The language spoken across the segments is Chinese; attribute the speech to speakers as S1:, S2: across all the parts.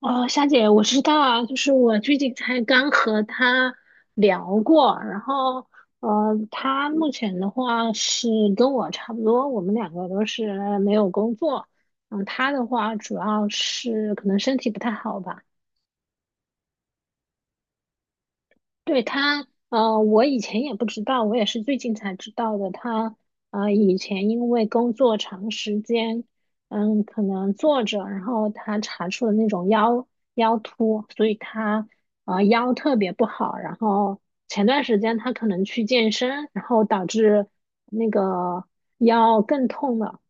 S1: 哦，夏姐，我知道，啊，就是我最近才刚和他聊过，然后他目前的话是跟我差不多，我们两个都是没有工作，他的话主要是可能身体不太好吧。对他，我以前也不知道，我也是最近才知道的。他，以前因为工作长时间，可能坐着，然后他查出了那种腰突，所以他，腰特别不好。然后前段时间他可能去健身，然后导致那个腰更痛了。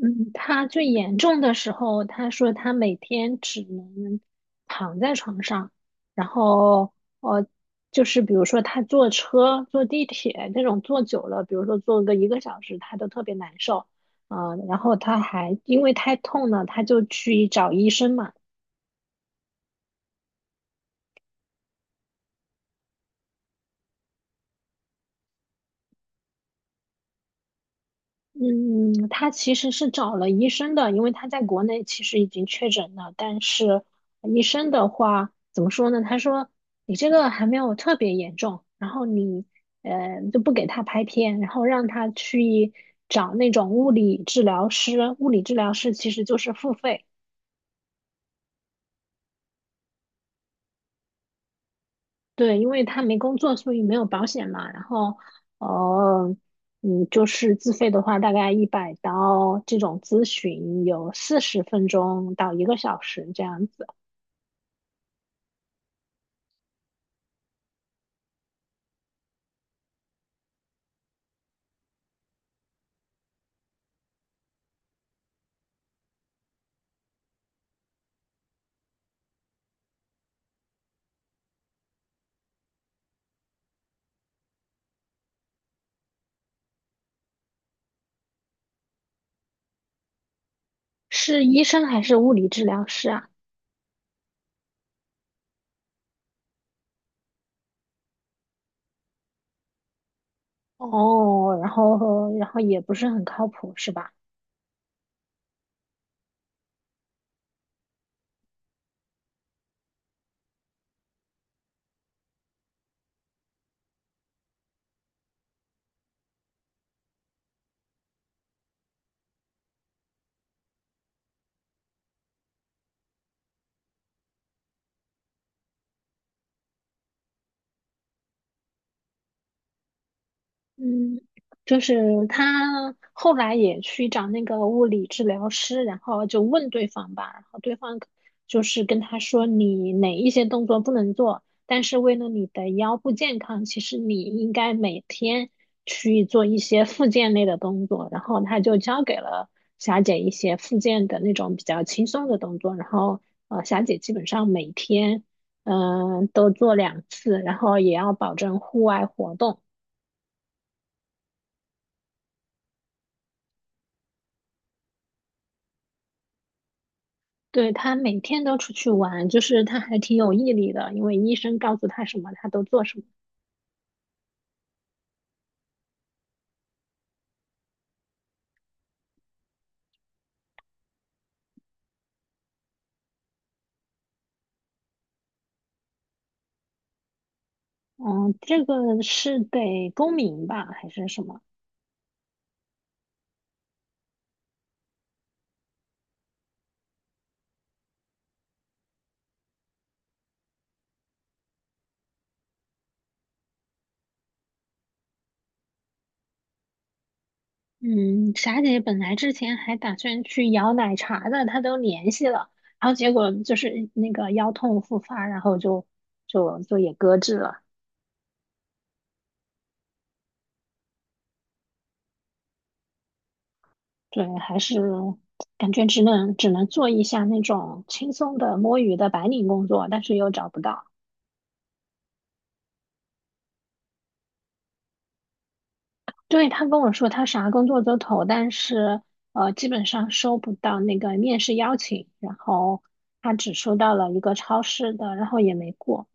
S1: 嗯，他最严重的时候，他说他每天只能躺在床上，然后呃，就是比如说他坐车、坐地铁那种坐久了，比如说坐个一个小时，他都特别难受啊、然后他还因为太痛了，他就去找医生嘛。嗯，他其实是找了医生的，因为他在国内其实已经确诊了，但是医生的话怎么说呢？他说你这个还没有特别严重，然后你就不给他拍片，然后让他去找那种物理治疗师，物理治疗师其实就是付费，对，因为他没工作，所以没有保险嘛。然后，呃，就是自费的话，大概100刀这种咨询有40分钟到一个小时这样子。是医生还是物理治疗师啊？哦，然后也不是很靠谱，是吧？嗯，就是他后来也去找那个物理治疗师，然后就问对方吧，然后对方就是跟他说你哪一些动作不能做，但是为了你的腰部健康，其实你应该每天去做一些复健类的动作，然后他就教给了霞姐一些复健的那种比较轻松的动作，然后霞姐基本上每天都做两次，然后也要保证户外活动。对，他每天都出去玩，就是他还挺有毅力的，因为医生告诉他什么，他都做什么。嗯，这个是得公民吧，还是什么？嗯，霞姐本来之前还打算去摇奶茶的，她都联系了，然后结果就是那个腰痛复发，然后就也搁置了。对，还是感觉只能做一下那种轻松的摸鱼的白领工作，但是又找不到。对，他跟我说他啥工作都投，但是基本上收不到那个面试邀请，然后他只收到了一个超市的，然后也没过。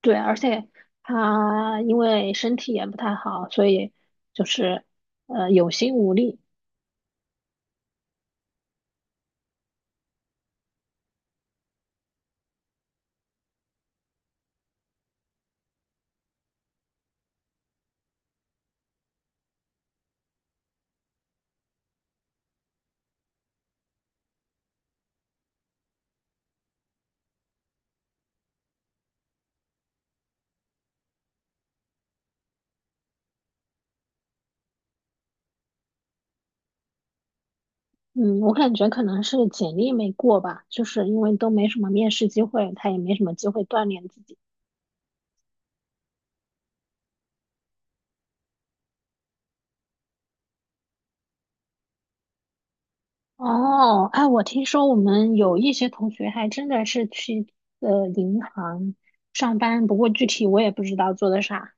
S1: 对，而且他因为身体也不太好，所以就是有心无力。嗯，我感觉可能是简历没过吧，就是因为都没什么面试机会，他也没什么机会锻炼自己。哦，哎，我听说我们有一些同学还真的是去银行上班，不过具体我也不知道做的啥。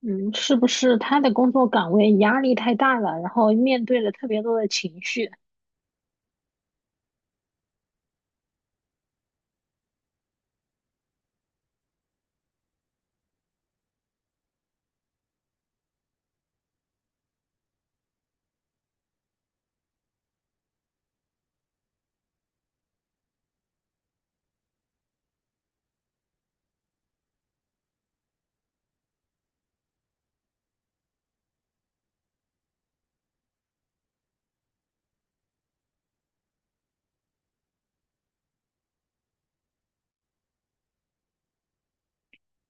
S1: 嗯，是不是他的工作岗位压力太大了，然后面对了特别多的情绪？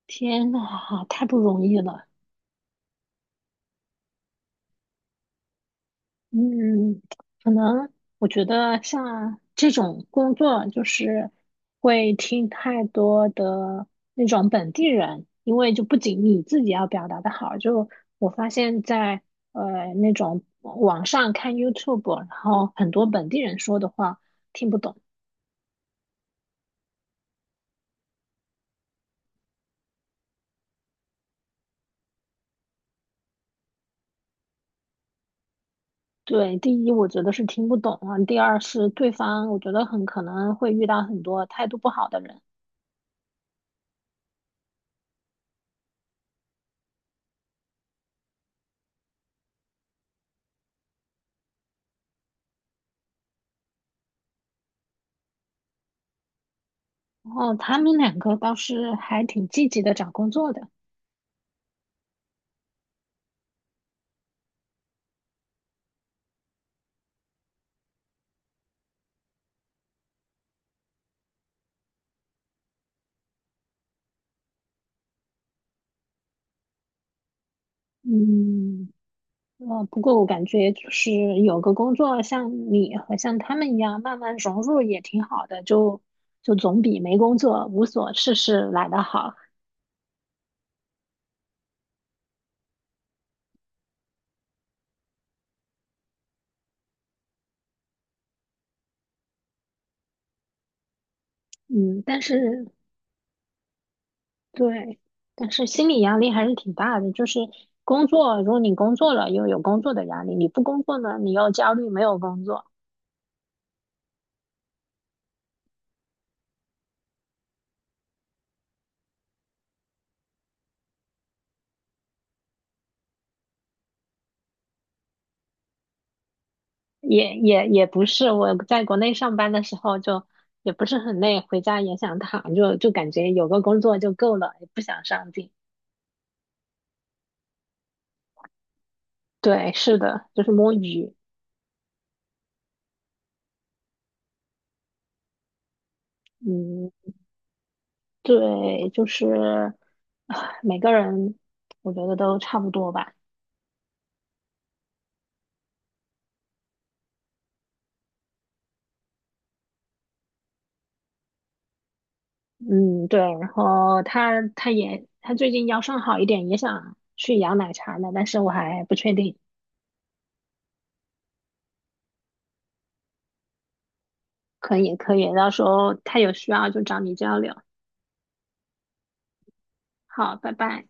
S1: 天呐，太不容易了。嗯，可能我觉得像这种工作，就是会听太多的那种本地人，因为就不仅你自己要表达的好，就我发现在那种网上看 YouTube，然后很多本地人说的话听不懂。对，第一我觉得是听不懂啊，第二是对方我觉得很可能会遇到很多态度不好的人，然后他们两个倒是还挺积极的找工作的，嗯。不过我感觉就是有个工作像你和像他们一样慢慢融入也挺好的，就总比没工作无所事事来得好。嗯，但是对，但是心理压力还是挺大的。就是工作，如果你工作了又有工作的压力，你不工作呢，你又焦虑没有工作。也不是，我在国内上班的时候就也不是很累，回家也想躺，就感觉有个工作就够了，也不想上进。对，是的，就是摸鱼。嗯，对，就是啊每个人我觉得都差不多吧。嗯，对。然后他最近腰伤好一点，也想去养奶茶呢，但是我还不确定。可以可以，到时候他有需要就找你交流。好，拜拜。